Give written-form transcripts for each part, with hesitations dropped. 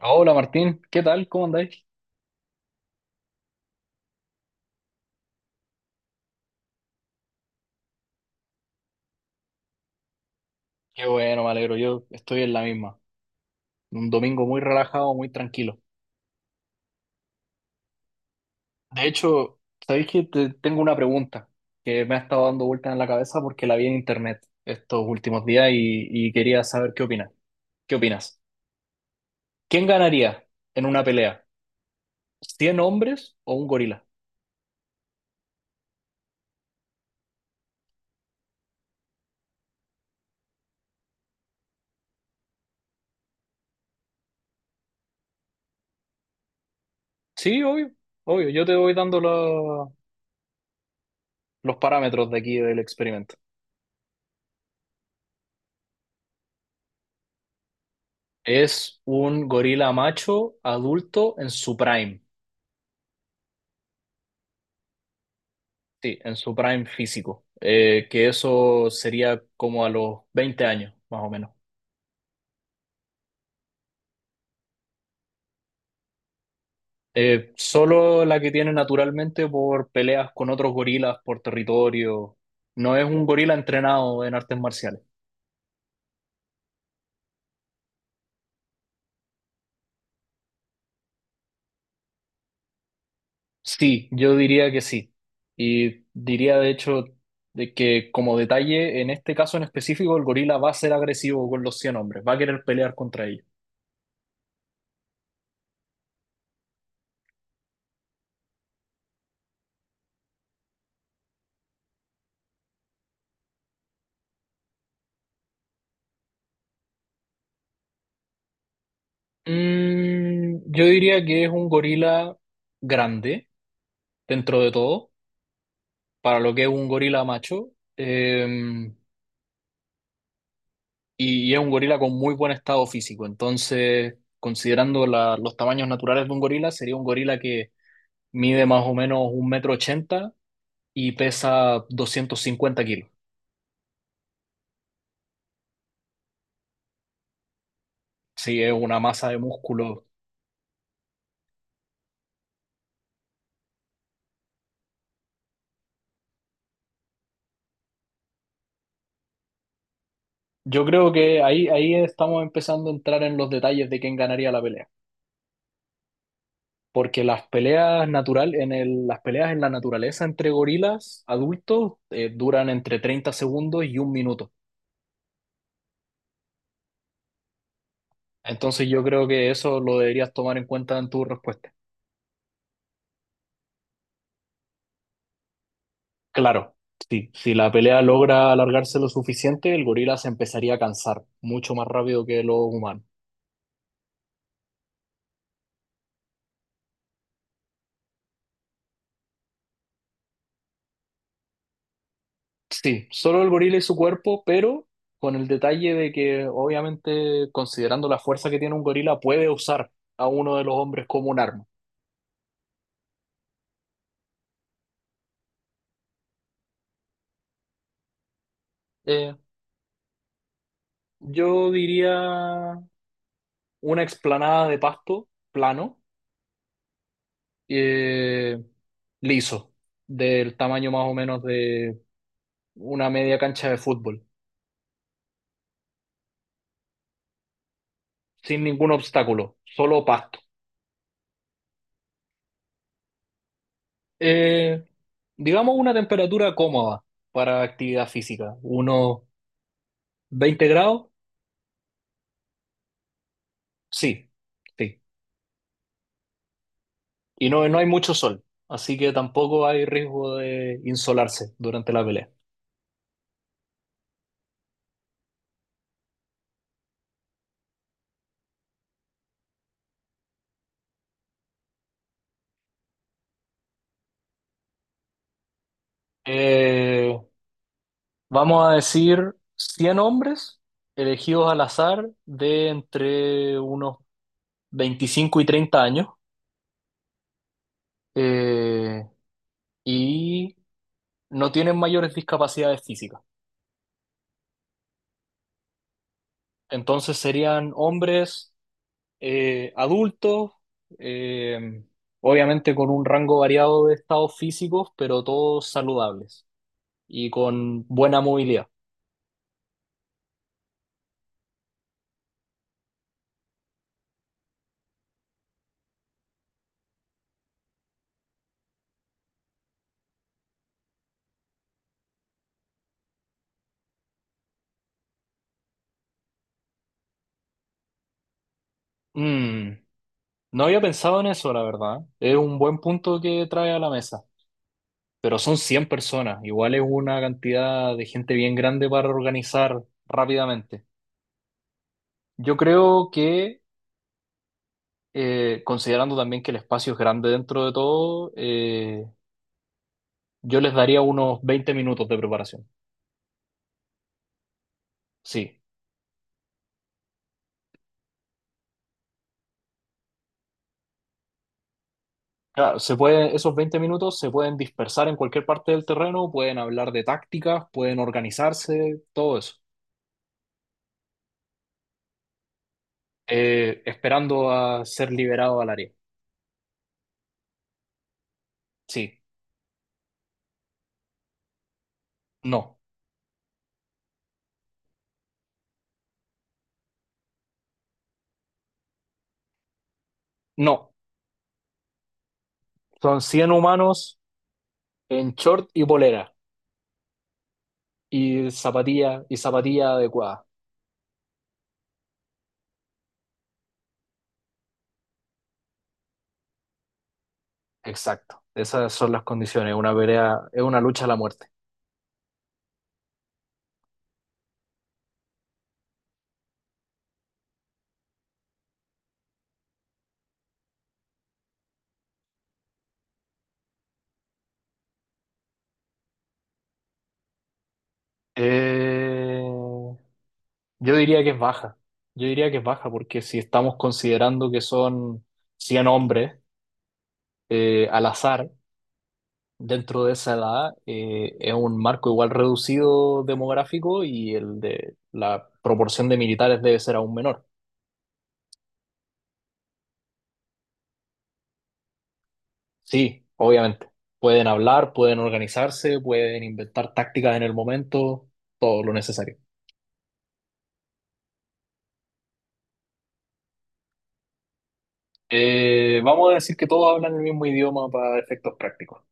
Hola Martín, ¿qué tal? ¿Cómo andáis? Qué bueno, me alegro, yo estoy en la misma. Un domingo muy relajado, muy tranquilo. De hecho, ¿sabéis que tengo una pregunta que me ha estado dando vueltas en la cabeza porque la vi en internet estos últimos días y quería saber qué opinas? ¿Qué opinas? ¿Quién ganaría en una pelea? ¿100 hombres o un gorila? Sí, obvio, obvio, yo te voy dando los parámetros de aquí del experimento. Es un gorila macho adulto en su prime. Sí, en su prime físico, que eso sería como a los 20 años, más o menos. Solo la que tiene naturalmente por peleas con otros gorilas por territorio. No es un gorila entrenado en artes marciales. Sí, yo diría que sí. Y diría de hecho de que como detalle, en este caso en específico, el gorila va a ser agresivo con los 100 hombres, va a querer pelear contra ellos. Mm, yo diría que es un gorila grande dentro de todo para lo que es un gorila macho, eh, y es un gorila con muy buen estado físico. Entonces, considerando los tamaños naturales de un gorila, sería un gorila que mide más o menos un metro ochenta y pesa 250 kilos. Sí, es una masa de músculo. Yo creo que ahí estamos empezando a entrar en los detalles de quién ganaría la pelea. Porque las peleas natural, las peleas en la naturaleza entre gorilas adultos duran entre 30 segundos y un minuto. Entonces yo creo que eso lo deberías tomar en cuenta en tu respuesta. Claro, sí, si la pelea logra alargarse lo suficiente, el gorila se empezaría a cansar mucho más rápido que los humanos. Sí, solo el gorila y su cuerpo, pero con el detalle de que obviamente considerando la fuerza que tiene un gorila, puede usar a uno de los hombres como un arma. Eh, yo diría una explanada de pasto plano, eh, liso, del tamaño más o menos de una media cancha de fútbol, sin ningún obstáculo, solo pasto. Eh, digamos una temperatura cómoda para actividad física, unos 20 grados, sí, sí. Y no, no hay mucho sol, así que tampoco hay riesgo de insolarse durante la pelea. Eh, vamos a decir 100 hombres elegidos al azar de entre unos 25 y 30 años, eh, y no tienen mayores discapacidades físicas. Entonces serían hombres, adultos, eh, obviamente con un rango variado de estados físicos, pero todos saludables y con buena movilidad. Mm, no había pensado en eso, la verdad. Es un buen punto que trae a la mesa, pero son 100 personas, igual es una cantidad de gente bien grande para organizar rápidamente. Yo creo que, considerando también que el espacio es grande dentro de todo, yo les daría unos 20 minutos de preparación. Sí. Claro, se puede, esos 20 minutos se pueden dispersar en cualquier parte del terreno, pueden hablar de tácticas, pueden organizarse, todo eso. Esperando a ser liberado al área. Sí. No. No. Son 100 humanos en short y polera y zapatilla adecuada. Exacto. Esas son las condiciones. Una pelea es una lucha a la muerte. Eh, Yo diría que es baja. Yo diría que es baja porque si estamos considerando que son 100 hombres al azar dentro de esa edad, es un marco igual reducido demográfico y el de la proporción de militares debe ser aún menor. Sí, obviamente. Pueden hablar, pueden organizarse, pueden inventar tácticas en el momento, todo lo necesario. Vamos a decir que todos hablan el mismo idioma para efectos prácticos.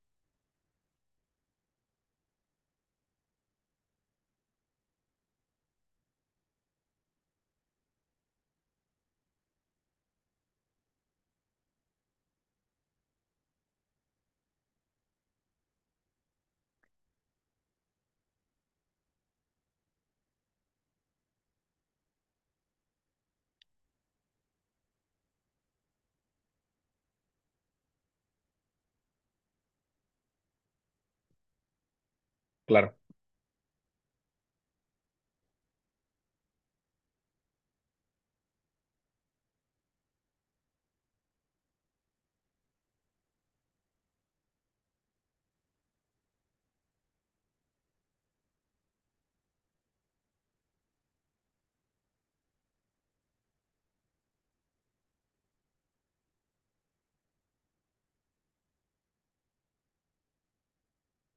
Claro.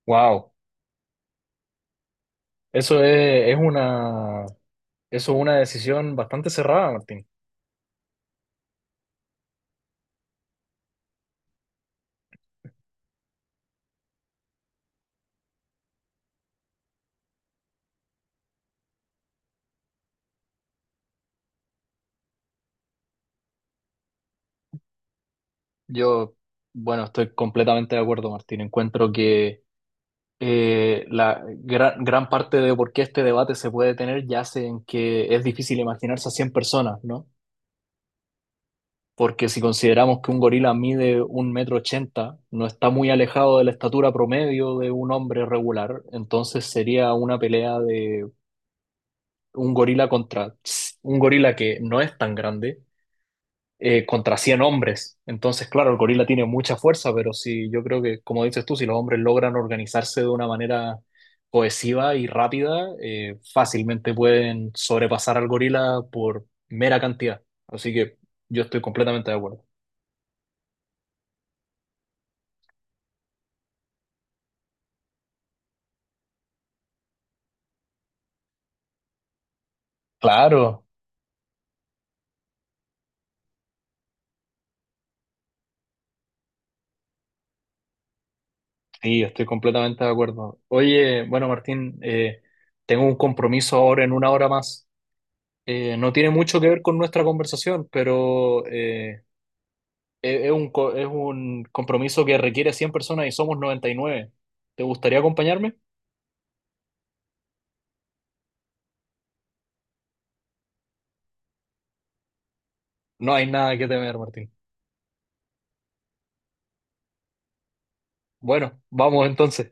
Wow. Eso es, es una Eso es una decisión bastante cerrada, Martín. Yo, bueno, estoy completamente de acuerdo, Martín. Encuentro que la gran, gran parte de por qué este debate se puede tener yace en que es difícil imaginarse a 100 personas, ¿no? Porque si consideramos que un gorila mide un metro ochenta, no está muy alejado de la estatura promedio de un hombre regular, entonces sería una pelea de un gorila contra un gorila que no es tan grande, contra 100 hombres. Entonces, claro, el gorila tiene mucha fuerza, pero si yo creo que, como dices tú, si los hombres logran organizarse de una manera cohesiva y rápida, fácilmente pueden sobrepasar al gorila por mera cantidad. Así que yo estoy completamente de acuerdo. Claro, sí, estoy completamente de acuerdo. Oye, bueno, Martín, tengo un compromiso ahora en una hora más. No tiene mucho que ver con nuestra conversación, pero es un compromiso que requiere 100 personas y somos 99. ¿Te gustaría acompañarme? No hay nada que temer, Martín. Bueno, vamos entonces.